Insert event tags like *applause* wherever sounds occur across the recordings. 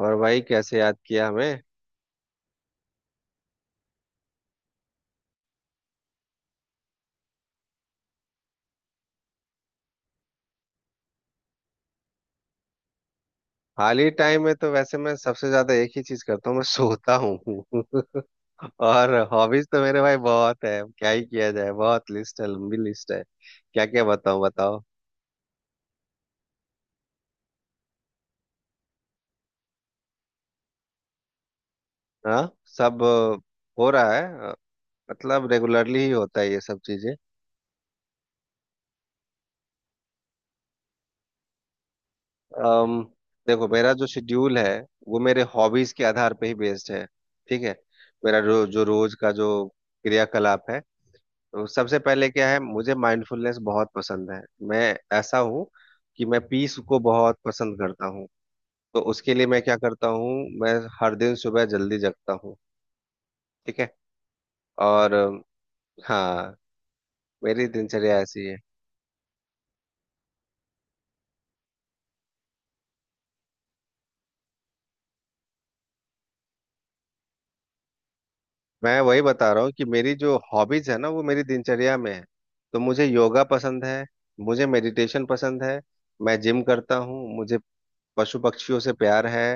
और भाई कैसे याद किया हमें। खाली टाइम में तो वैसे मैं सबसे ज्यादा एक ही चीज करता हूँ, मैं सोता हूँ। *laughs* और हॉबीज तो मेरे भाई बहुत है, क्या ही किया जाए, बहुत लिस्ट है, लंबी लिस्ट है। क्या क्या बताऊँ बताओ। हाँ। सब हो रहा है। अ, मतलब रेगुलरली ही होता है ये सब चीजें। अम, देखो मेरा जो शेड्यूल है वो मेरे हॉबीज के आधार पे ही बेस्ड है। ठीक है। मेरा जो जो रोज का जो क्रियाकलाप है, तो सबसे पहले क्या है, मुझे माइंडफुलनेस बहुत पसंद है। मैं ऐसा हूँ कि मैं पीस को बहुत पसंद करता हूँ। तो उसके लिए मैं क्या करता हूँ, मैं हर दिन सुबह जल्दी जगता हूँ। ठीक है। और हाँ मेरी दिनचर्या ऐसी है। मैं वही बता रहा हूँ कि मेरी जो हॉबीज है ना वो मेरी दिनचर्या में है। तो मुझे योगा पसंद है, मुझे मेडिटेशन पसंद है, मैं जिम करता हूँ, मुझे पशु पक्षियों से प्यार है।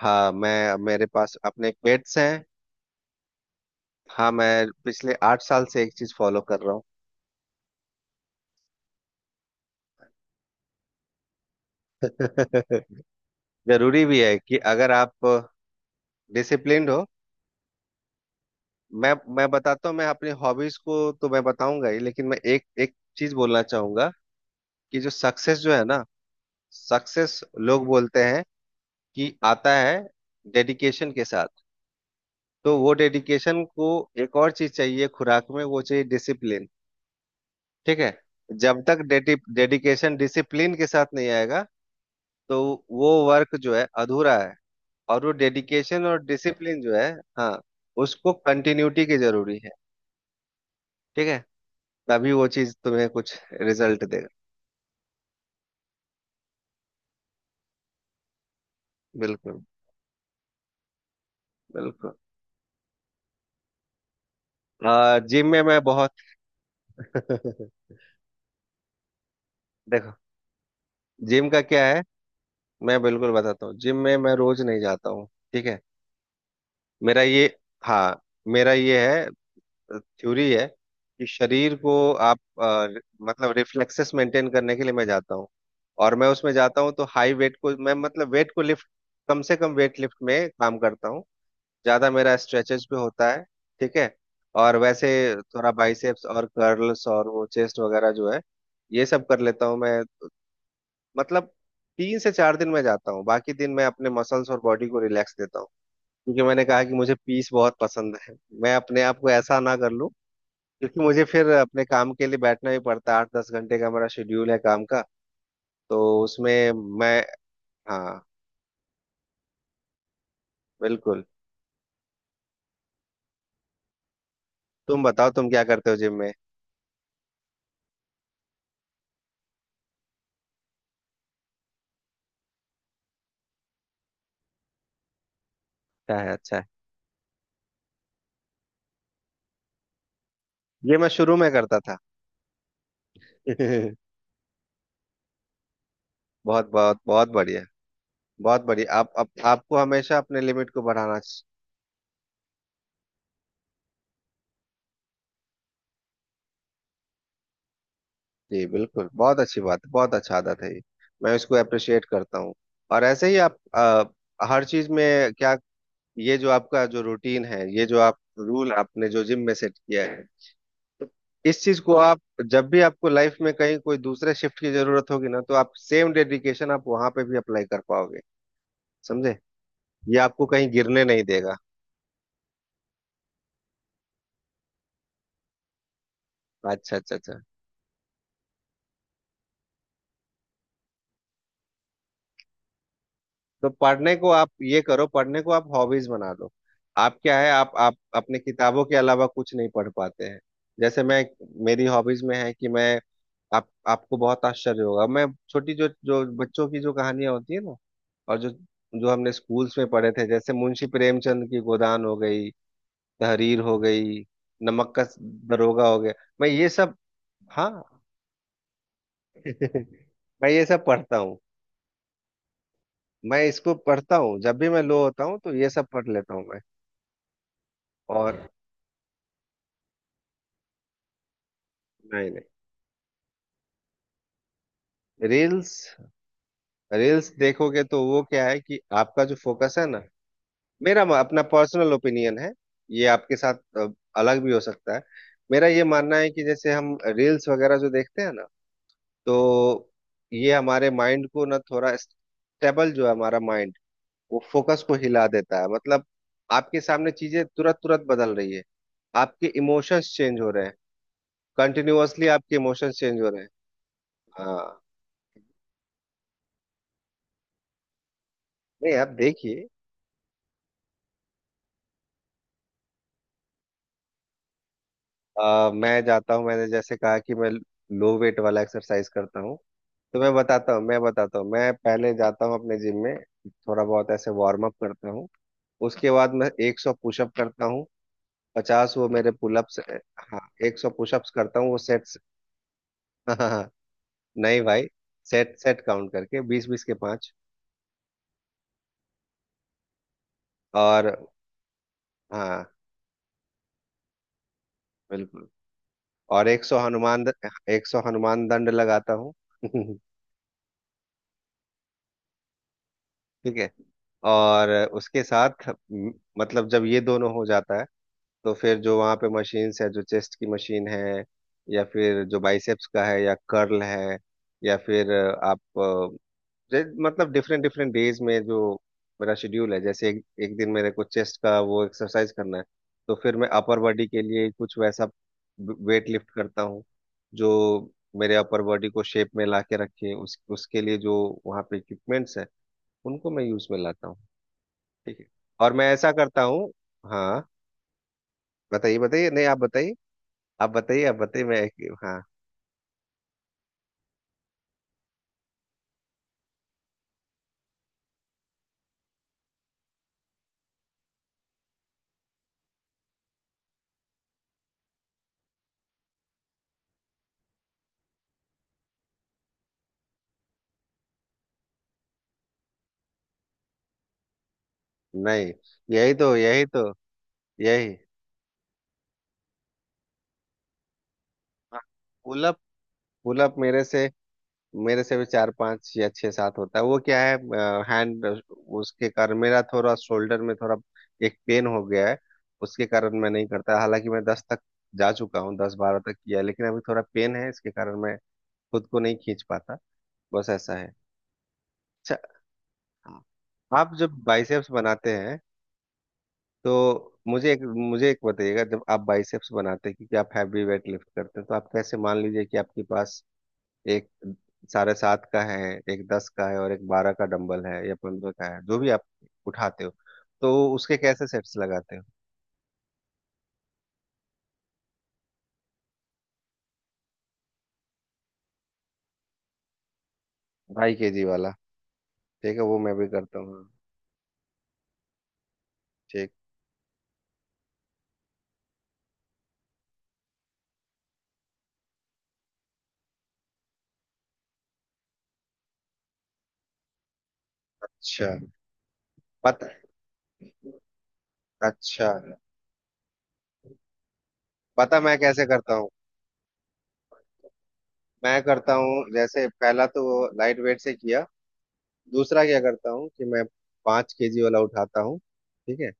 हाँ मैं, मेरे पास अपने पेट्स हैं। हाँ मैं पिछले 8 साल से एक चीज फॉलो कर रहा हूँ। *laughs* जरूरी भी है कि अगर आप डिसिप्लिन्ड हो। मैं बताता हूँ, मैं अपनी हॉबीज को तो मैं बताऊंगा ही, लेकिन मैं एक एक चीज बोलना चाहूंगा कि जो सक्सेस जो है ना, सक्सेस लोग बोलते हैं कि आता है डेडिकेशन के साथ। तो वो डेडिकेशन को एक और चीज चाहिए खुराक में, वो चाहिए डिसिप्लिन। ठीक है। जब तक डेडिकेशन डिसिप्लिन के साथ नहीं आएगा तो वो वर्क जो है अधूरा है। और वो डेडिकेशन और डिसिप्लिन जो है, हाँ, उसको कंटिन्यूटी की जरूरी है। ठीक है। तभी वो चीज तुम्हें कुछ रिजल्ट देगा। बिल्कुल। बिल्कुल। जिम में मैं बहुत, *laughs* देखो जिम का क्या है, मैं बिल्कुल बताता हूँ, जिम में मैं रोज नहीं जाता हूँ। ठीक है। मेरा ये, हाँ, मेरा ये है थ्योरी है कि शरीर को आप, मतलब रिफ्लेक्सेस मेंटेन करने के लिए मैं जाता हूँ। और मैं उसमें जाता हूँ तो हाई वेट को मैं, मतलब वेट को लिफ्ट, कम से कम वेट लिफ्ट में काम करता हूँ। ज्यादा मेरा स्ट्रेचेज भी होता है। ठीक है। और वैसे थोड़ा बाइसेप्स और कर्ल्स और वो चेस्ट वगैरह जो है, ये सब कर लेता हूँ मैं। मतलब 3 से 4 दिन मैं जाता हूँ, बाकी दिन मैं अपने मसल्स और बॉडी को रिलैक्स देता हूँ। क्योंकि मैंने कहा कि मुझे पीस बहुत पसंद है, मैं अपने आप को ऐसा ना कर लूँ। क्योंकि मुझे फिर अपने काम के लिए बैठना भी पड़ता है, 8-10 घंटे का मेरा शेड्यूल है काम का। तो उसमें मैं, हाँ बिल्कुल, तुम बताओ तुम क्या करते हो जिम में। अच्छा है अच्छा है। ये मैं शुरू में करता था। *laughs* बहुत बहुत बहुत बढ़िया, बहुत बढ़िया। आप आपको हमेशा अपने लिमिट को बढ़ाना जी बिल्कुल बहुत अच्छी बात है, बहुत अच्छा आदत है ये। मैं इसको अप्रिशिएट करता हूँ। और ऐसे ही आप हर चीज में। क्या? ये जो आपका जो रूटीन है, ये जो आप रूल आपने जो जिम में सेट किया है, इस चीज को आप जब भी आपको लाइफ में कहीं कोई दूसरे शिफ्ट की जरूरत होगी ना, तो आप सेम डेडिकेशन आप वहां पे भी अप्लाई कर पाओगे। समझे? ये आपको कहीं गिरने नहीं देगा। अच्छा अच्छा अच्छा। तो पढ़ने को आप ये करो, पढ़ने को आप हॉबीज बना लो। आप क्या है, आप अपने किताबों के अलावा कुछ नहीं पढ़ पाते हैं। जैसे मैं, मेरी हॉबीज में है कि मैं, आप, आपको बहुत आश्चर्य होगा, मैं छोटी जो जो बच्चों की जो कहानियां होती है ना, और जो, जो हमने स्कूल्स में पढ़े थे, जैसे मुंशी प्रेमचंद की गोदान हो गई, तहरीर हो गई, नमक का दरोगा हो गया। मैं ये सब, हाँ, *laughs* मैं ये सब पढ़ता हूँ। मैं इसको पढ़ता हूँ, जब भी मैं लो होता हूँ तो ये सब पढ़ लेता हूँ मैं। और नहीं नहीं। रील्स, रील्स देखोगे तो वो क्या है कि आपका जो फोकस है ना, मेरा अपना पर्सनल ओपिनियन है, ये आपके साथ अलग भी हो सकता है। मेरा ये मानना है कि जैसे हम रील्स वगैरह जो देखते हैं ना, तो ये हमारे माइंड को ना, थोड़ा स्टेबल जो है हमारा माइंड, वो फोकस को हिला देता है। मतलब आपके सामने चीजें तुरंत तुरंत बदल रही है, आपके इमोशंस चेंज हो रहे हैं, कंटिन्यूअसली आपके इमोशंस चेंज हो रहे हैं। हाँ नहीं आप देखिए। मैं जाता हूँ, मैंने जैसे कहा कि मैं लो वेट वाला एक्सरसाइज करता हूँ। तो मैं बताता हूँ, मैं पहले जाता हूँ अपने जिम में, थोड़ा बहुत ऐसे वार्म अप करता हूँ। उसके बाद मैं 100 पुशअप करता हूँ, 50 वो मेरे पुलअप्स। हाँ 100 पुशअप्स करता हूँ वो सेट्स। *laughs* नहीं भाई, सेट सेट काउंट करके 20-20 के 5। और हाँ बिल्कुल। और एक सौ 100 हनुमान दंड लगाता हूँ। *laughs* ठीक है। और उसके साथ मतलब जब ये दोनों हो जाता है, तो फिर जो वहाँ पे मशीन्स है, जो चेस्ट की मशीन है, या फिर जो बाइसेप्स का है या कर्ल है, या फिर आप, मतलब डिफरेंट डिफरेंट डेज में जो मेरा शेड्यूल है। जैसे एक, एक दिन मेरे को चेस्ट का वो एक्सरसाइज करना है तो फिर मैं अपर बॉडी के लिए कुछ वैसा वेट लिफ्ट करता हूँ, जो मेरे अपर बॉडी को शेप में ला के रखे, उस उसके लिए जो वहाँ पे इक्विपमेंट्स हैं, उनको मैं यूज में लाता हूँ। ठीक है। और मैं ऐसा करता हूँ। हाँ बताइए बताइए नहीं आप बताइए। आप बताइए, मैं हाँ। नहीं यही तो, यही तो, यही। पुलअप, पुलअप मेरे से, मेरे से भी 4-5 या 6-7 होता है। वो क्या है, हैंड उसके कारण मेरा थोड़ा शोल्डर में थोड़ा एक पेन हो गया है। उसके कारण मैं नहीं करता, हालांकि मैं 10 तक जा चुका हूँ, 10-12 तक किया है, लेकिन अभी थोड़ा पेन है इसके कारण मैं खुद को नहीं खींच पाता। बस ऐसा है। अच्छा। हाँ, आप जब बाइसेप्स बनाते हैं, तो मुझे एक, मुझे एक बताइएगा, जब आप बाइसेप्स बनाते हैं, क्योंकि आप हैवी वेट लिफ्ट करते हैं तो आप कैसे, मान लीजिए कि आपके पास एक 7.5 का है, एक 10 का है और एक 12 का डंबल है, या 15 का है जो भी आप उठाते हो, तो उसके कैसे सेट्स लगाते हो। 2.5 kg वाला, ठीक है, वो मैं भी करता हूँ। ठीक। अच्छा। पता, अच्छा पता मैं कैसे करता हूँ। मैं करता हूँ जैसे पहला तो लाइट वेट से किया, दूसरा क्या करता हूँ कि मैं 5 kg वाला उठाता हूँ। ठीक है।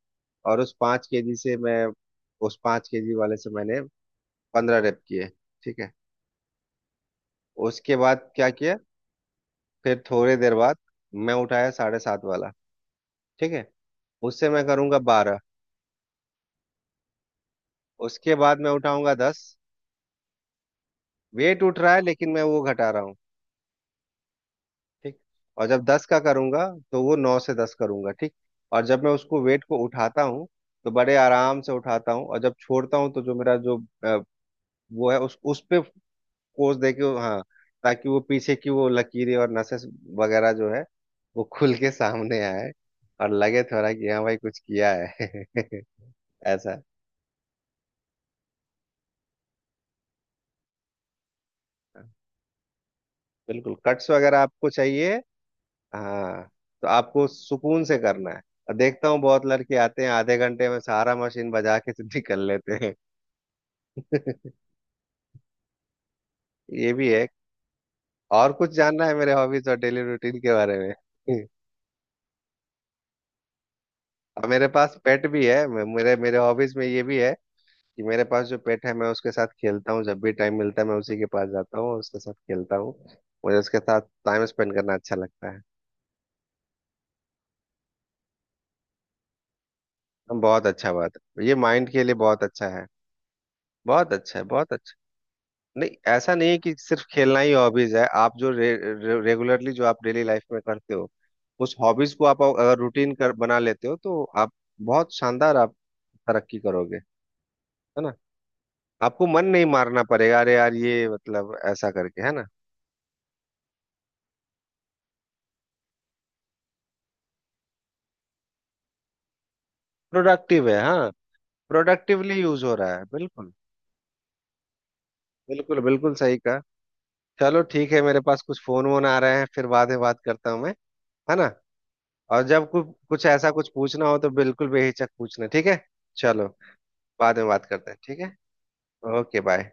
और उस 5 kg से मैं, उस पाँच केजी वाले से मैंने 15 रेप किए। ठीक है। उसके बाद क्या किया, फिर थोड़ी देर बाद मैं उठाया 7.5 वाला। ठीक है। उससे मैं करूंगा 12। उसके बाद मैं उठाऊंगा 10। वेट उठ रहा है लेकिन मैं वो घटा रहा हूँ। ठीक। और जब 10 का करूंगा तो वो 9 से 10 करूंगा। ठीक। और जब मैं उसको वेट को उठाता हूँ तो बड़े आराम से उठाता हूँ, और जब छोड़ता हूँ तो जो मेरा जो, अ, वो है, उस पे फोर्स दे के, हाँ, ताकि वो पीछे की वो लकीरें और नसें वगैरह जो है वो खुल के सामने आए, और लगे थोड़ा कि हाँ भाई कुछ किया है। *laughs* ऐसा। बिल्कुल, कट्स वगैरह आपको चाहिए, हाँ। तो आपको सुकून से करना है। और देखता हूँ बहुत लड़के आते हैं आधे घंटे में सारा मशीन बजा के *laughs* तो निकल लेते हैं। *laughs* ये भी है। और कुछ जानना है मेरे हॉबीज और डेली रूटीन के बारे में? *laughs* और मेरे पास पेट भी है। मेरे मेरे हॉबीज में ये भी है कि मेरे पास जो पेट है मैं उसके साथ खेलता हूँ, जब भी टाइम मिलता है मैं उसी के पास जाता हूँ और उसके साथ खेलता हूँ। मुझे उसके साथ टाइम स्पेंड करना अच्छा लगता है। बहुत अच्छा बात है, ये माइंड के लिए बहुत अच्छा है। बहुत अच्छा है, बहुत अच्छा। नहीं ऐसा नहीं है कि सिर्फ खेलना ही हॉबीज है, आप जो रे, रे, रेगुलरली जो आप डेली लाइफ में करते हो, उस हॉबीज को आप अगर रूटीन कर बना लेते हो, तो आप बहुत शानदार आप तरक्की करोगे। है ना? आपको मन नहीं मारना पड़ेगा, अरे यार ये मतलब ऐसा करके, है ना। प्रोडक्टिव है। हाँ। प्रोडक्टिवली यूज हो रहा है बिल्कुल। बिल्कुल बिल्कुल सही कहा। चलो ठीक है, मेरे पास कुछ फोन वोन आ रहे हैं, फिर बाद में बात करता हूँ मैं। है ना? और जब कुछ कुछ ऐसा कुछ पूछना हो तो बिल्कुल बेहिचक पूछना, ठीक है? चलो। बाद में बात करते हैं, ठीक है। Okay bye.